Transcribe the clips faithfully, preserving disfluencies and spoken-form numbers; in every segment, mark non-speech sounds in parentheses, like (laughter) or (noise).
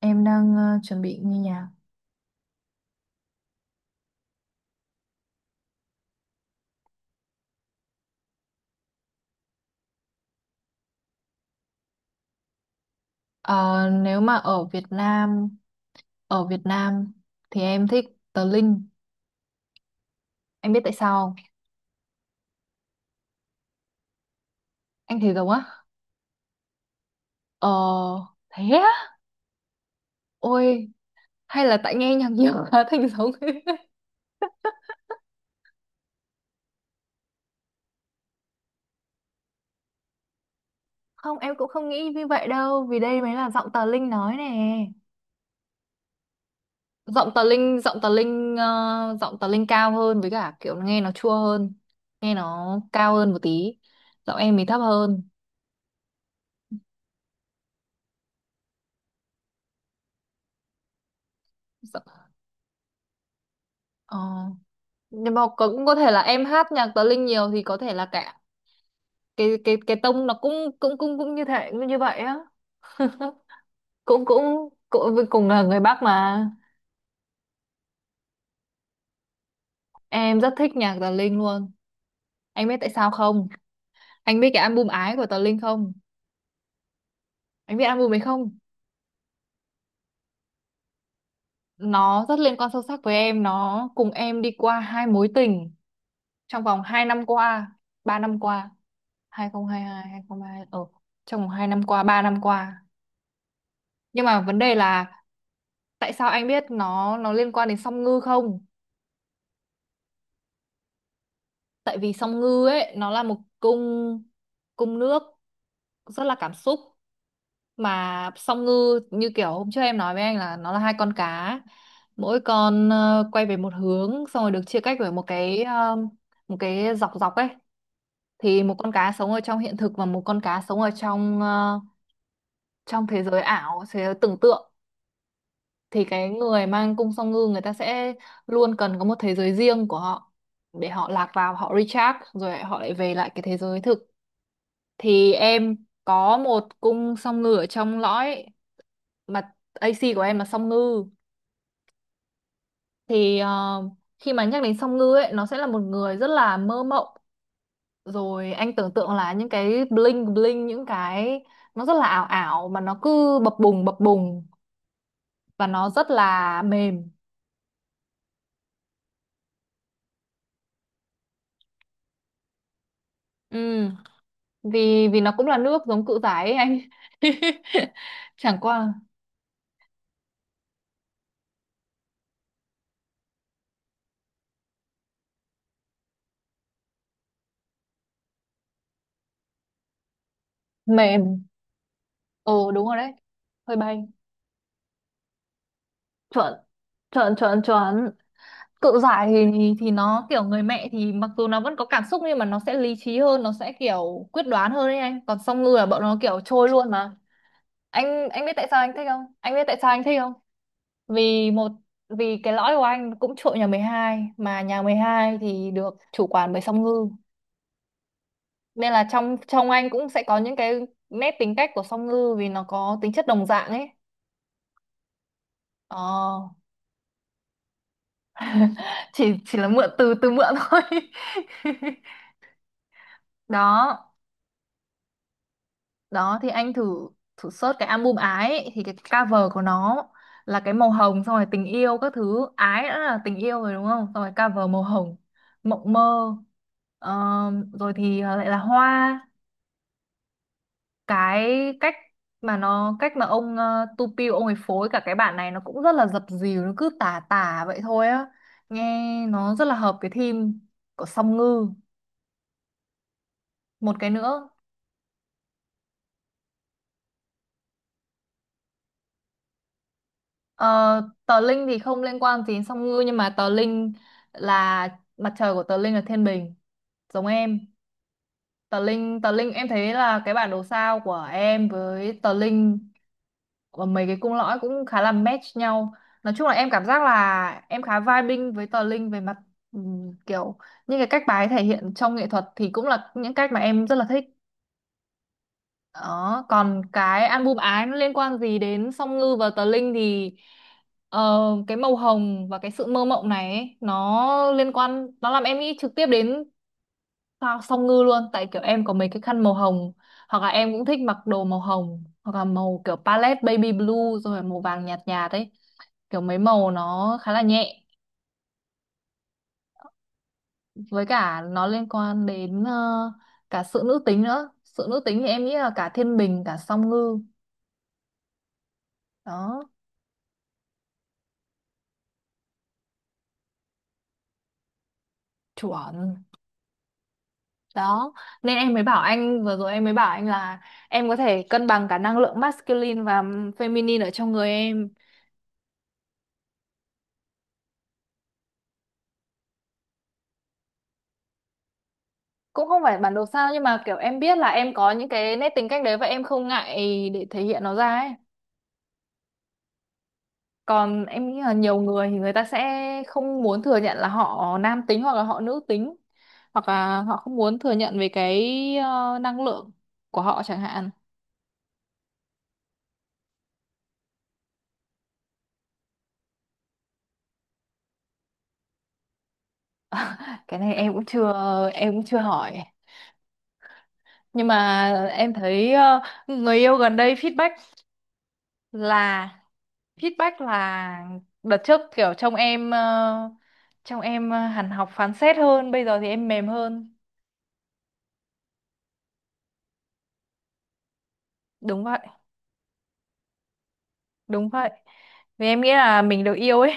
Em đang ờ, chuẩn bị nghe nhạc. Ờ, nếu mà ở Việt Nam, ở Việt Nam thì em thích Tờ Linh. Em biết tại sao không? Anh thấy giống á? Ờ, thế á? Ôi, hay là tại nghe nhạc nhiều quá thành giống. (laughs) Không, em cũng không nghĩ như vậy đâu, vì đây mới là giọng Tờ Linh nói nè. Giọng Tờ Linh, giọng Tờ Linh, ờ, giọng Tờ Linh cao hơn, với cả kiểu nghe nó chua hơn, nghe nó cao hơn một tí. Giọng em thì thấp hơn. Giọng, ờ. Nhưng mà có- cũng có thể là em hát nhạc Tờ Linh nhiều thì có thể là cả cái cái cái tông nó cũng cũng cũng cũng như thế như vậy á, cũng cũng cũng cùng là người Bắc mà. Em rất thích nhạc Tờ Linh luôn. Anh biết tại sao không? Anh biết cái album Ái của Tờ Linh không? Anh biết album ấy không? Nó rất liên quan sâu sắc với em, nó cùng em đi qua hai mối tình trong vòng hai năm qua, ba năm qua. hai không hai hai, hai không hai hai, ở trong vòng hai năm qua, ba năm qua. Nhưng mà vấn đề là, tại sao anh biết nó nó liên quan đến Song Ngư không? Tại vì Song Ngư ấy nó là một cung, cung nước, rất là cảm xúc. Mà Song Ngư như kiểu hôm trước em nói với anh là nó là hai con cá. Mỗi con ờ, quay về một hướng, xong rồi được chia cách bởi một cái ờ, một cái dọc dọc ấy. Thì một con cá sống ở trong hiện thực và một con cá sống ở trong ờ, trong thế giới ảo, thế giới tưởng tượng. Thì cái người mang cung Song Ngư, người ta sẽ luôn cần có một thế giới riêng của họ để họ lạc vào, họ recharge, rồi họ lại về lại cái thế giới thực. Thì em có một cung Song Ngư ở trong lõi, mà a xê của em là Song Ngư. thì ờ, Khi mà nhắc đến Song Ngư ấy, nó sẽ là một người rất là mơ mộng, rồi anh tưởng tượng là những cái bling bling, những cái nó rất là ảo ảo, mà nó cứ bập bùng bập bùng, và nó rất là mềm. Ừ, vì vì nó cũng là nước giống Cự Giải ấy anh. (laughs) Chẳng qua. Mềm. Ồ đúng rồi đấy. Hơi bay. Chuẩn chuẩn chuẩn chuẩn. Cự Giải thì thì nó kiểu người mẹ, thì mặc dù nó vẫn có cảm xúc nhưng mà nó sẽ lý trí hơn, nó sẽ kiểu quyết đoán hơn đấy anh, còn Song Ngư là bọn nó kiểu trôi luôn mà. Anh anh biết tại sao anh thích không? Anh biết tại sao anh thích không? Vì một vì cái lõi của anh cũng trội nhà mười hai, mà nhà mười hai thì được chủ quản bởi Song Ngư. Nên là trong trong anh cũng sẽ có những cái nét tính cách của Song Ngư, vì nó có tính chất đồng dạng ấy. Ờ, chỉ chỉ là mượn từ từ mượn thôi. (laughs) đó đó thì anh thử thử search cái album Ái ấy, thì cái cover của nó là cái màu hồng, xong rồi tình yêu các thứ, ái đã là tình yêu rồi đúng không, xong rồi cover màu hồng mộng mơ, ờ, rồi thì lại là hoa. Cái cách mà nó cách mà ông uh, Tupi ông ấy phối cả cái bản này nó cũng rất là dập dìu, nó cứ tả tả vậy thôi á, nghe nó rất là hợp cái theme của Song Ngư. Một cái nữa, ờ, Tờ Linh thì không liên quan gì đến Song Ngư, nhưng mà Tờ Linh là mặt trời của Tờ Linh là Thiên Bình, giống em. Tờ Linh tờ Linh, em thấy là cái bản đồ sao của em với Tờ Linh và mấy cái cung lõi cũng khá là match nhau. Nói chung là em cảm giác là em khá vibing với Tờ Linh về mặt ừm, kiểu những cái cách bà ấy thể hiện trong nghệ thuật thì cũng là những cách mà em rất là thích. Đó, còn cái album Ái nó liên quan gì đến Song Ngư và Tờ Linh thì ờ, cái màu hồng và cái sự mơ mộng này ấy, nó liên quan, nó làm em nghĩ trực tiếp đến Tao Song Ngư luôn, tại kiểu em có mấy cái khăn màu hồng, hoặc là em cũng thích mặc đồ màu hồng, hoặc là màu kiểu palette baby blue, rồi là màu vàng nhạt nhạt ấy, kiểu mấy màu nó khá là nhẹ. Với cả nó liên quan đến ờ, cả sự nữ tính nữa. Sự nữ tính thì em nghĩ là cả Thiên Bình cả Song Ngư. Đó. Chuẩn. Đó nên em mới bảo anh vừa rồi, em mới bảo anh là em có thể cân bằng cả năng lượng masculine và feminine ở trong người em. Cũng không phải bản đồ sao, nhưng mà kiểu em biết là em có những cái nét tính cách đấy và em không ngại để thể hiện nó ra ấy. Còn em nghĩ là nhiều người thì người ta sẽ không muốn thừa nhận là họ nam tính hoặc là họ nữ tính, hoặc là họ không muốn thừa nhận về cái ờ, năng lượng của họ chẳng hạn. Cái này em cũng chưa em cũng chưa hỏi. Nhưng mà em thấy ờ, người yêu gần đây feedback là, feedback là đợt trước kiểu trông em ờ, trông em ờ, hẳn học phán xét hơn, bây giờ thì em mềm hơn. Đúng vậy, đúng vậy. Vì em nghĩ là mình được yêu ấy.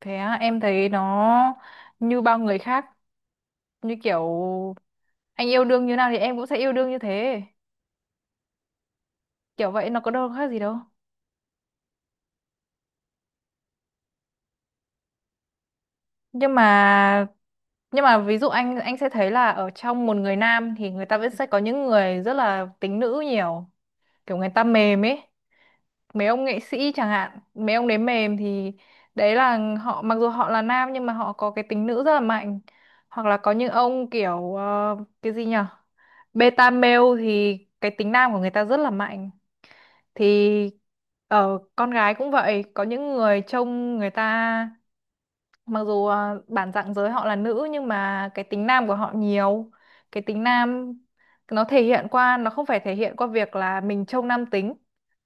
Thế á? Em thấy nó như bao người khác, như kiểu anh yêu đương như nào thì em cũng sẽ yêu đương như thế, kiểu vậy nó có đâu khác gì đâu. Nhưng mà nhưng mà ví dụ anh anh sẽ thấy là ở trong một người nam thì người ta vẫn sẽ có những người rất là tính nữ nhiều, kiểu người ta mềm ấy. Mấy ông nghệ sĩ chẳng hạn, mấy ông đấy mềm, thì đấy là họ mặc dù họ là nam nhưng mà họ có cái tính nữ rất là mạnh. Hoặc là có những ông kiểu ờ, cái gì nhở, beta male, thì cái tính nam của người ta rất là mạnh. Thì ở con gái cũng vậy, có những người trông người ta mặc dù à, bản dạng giới họ là nữ nhưng mà cái tính nam của họ nhiều. Cái tính nam nó thể hiện qua, nó không phải thể hiện qua việc là mình trông nam tính,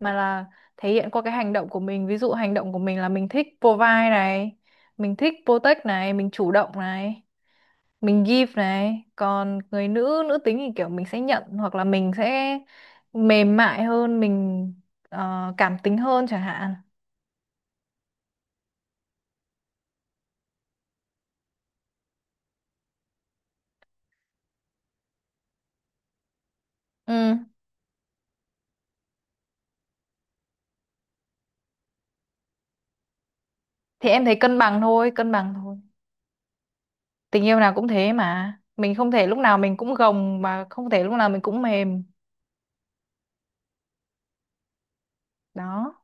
mà là thể hiện qua cái hành động của mình. Ví dụ hành động của mình là mình thích provide này, mình thích protect này, mình chủ động này, mình give này. Còn người nữ nữ tính thì kiểu mình sẽ nhận, hoặc là mình sẽ mềm mại hơn, mình ờ, cảm tính hơn chẳng hạn. Ừ, thì em thấy cân bằng thôi, cân bằng thôi. Tình yêu nào cũng thế, mà mình không thể lúc nào mình cũng gồng, mà không thể lúc nào mình cũng mềm. Đó.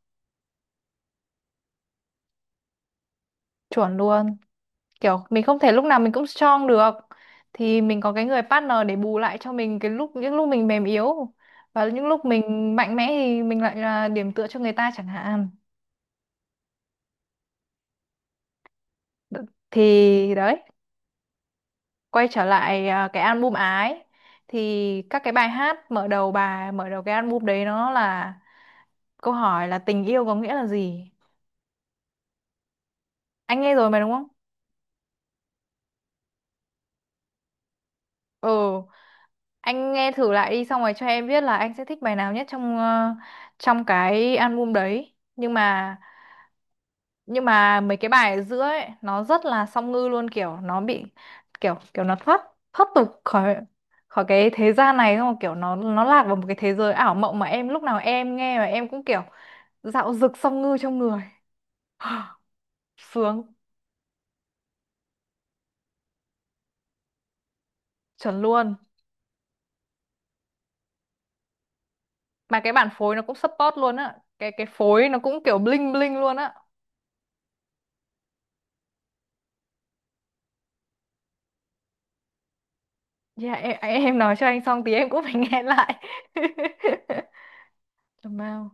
Chuẩn luôn. Kiểu mình không thể lúc nào mình cũng strong được thì mình có cái người partner để bù lại cho mình cái lúc, những lúc mình mềm yếu, và những lúc mình mạnh mẽ thì mình lại là điểm tựa cho người ta chẳng hạn. Đ- thì đấy. Quay trở lại à, cái album Ái, thì các cái bài hát mở đầu, bài mở đầu cái album đấy, nó là câu hỏi là tình yêu có nghĩa là gì. Anh nghe rồi mà đúng không? Ừ. Anh nghe thử lại đi, xong rồi cho em biết là anh sẽ thích bài nào nhất trong ờ, trong cái album đấy. Nhưng mà nhưng mà mấy cái bài ở giữa ấy nó rất là Song Ngư luôn, kiểu nó bị kiểu kiểu nó thoát, thoát tục khỏi, khỏi cái thế gian này, xong rồi kiểu nó nó lạc vào một cái thế giới ảo mộng, mà em lúc nào em nghe mà em cũng kiểu dạo dực Song Ngư trong người. Sướng. Chuẩn luôn. Mà cái bản phối nó cũng support luôn á, cái cái phối nó cũng kiểu bling bling luôn á. Dạ em, em nói cho anh xong tí em cũng phải nghe lại. (laughs) Tầm bao?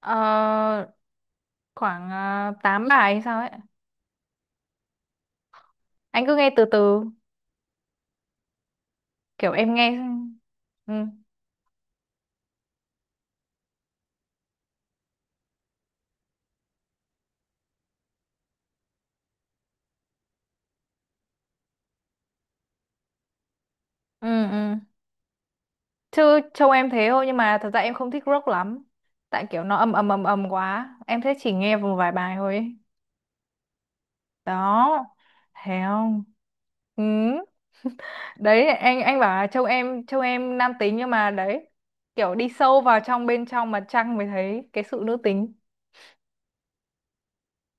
Ờ, Khoảng uh, tám bài hay sao ấy. Anh cứ nghe từ từ, kiểu em nghe. Ừ. Ừ ừ. Chứ trông em thế thôi nhưng mà thật ra em không thích rock lắm. Tại kiểu nó ầm ầm ầm ầm quá. Em thế chỉ nghe một vài bài thôi ấy. Đó. Thấy không? Ừ. Đấy anh anh bảo là trông em trông em nam tính, nhưng mà đấy, kiểu đi sâu vào trong, bên trong mặt trăng mới thấy cái sự nữ tính.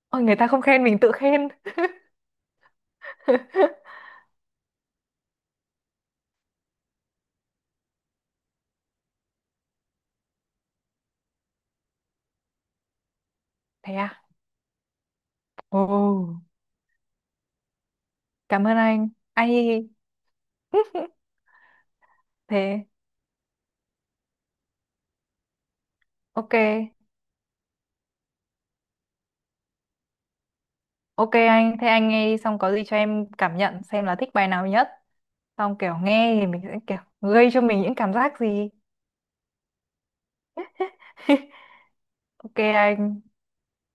Ôi, người ta không khen mình tự khen. (laughs) Thế à? Ồ. Cảm ơn anh ai. (laughs) Thế. Ok, ok. Anh thế anh nghe đi, xong có gì cho em cảm nhận xem là thích bài nào nhất, xong kiểu nghe thì mình sẽ kiểu gây cho mình những cảm giác gì. (laughs) Ok anh.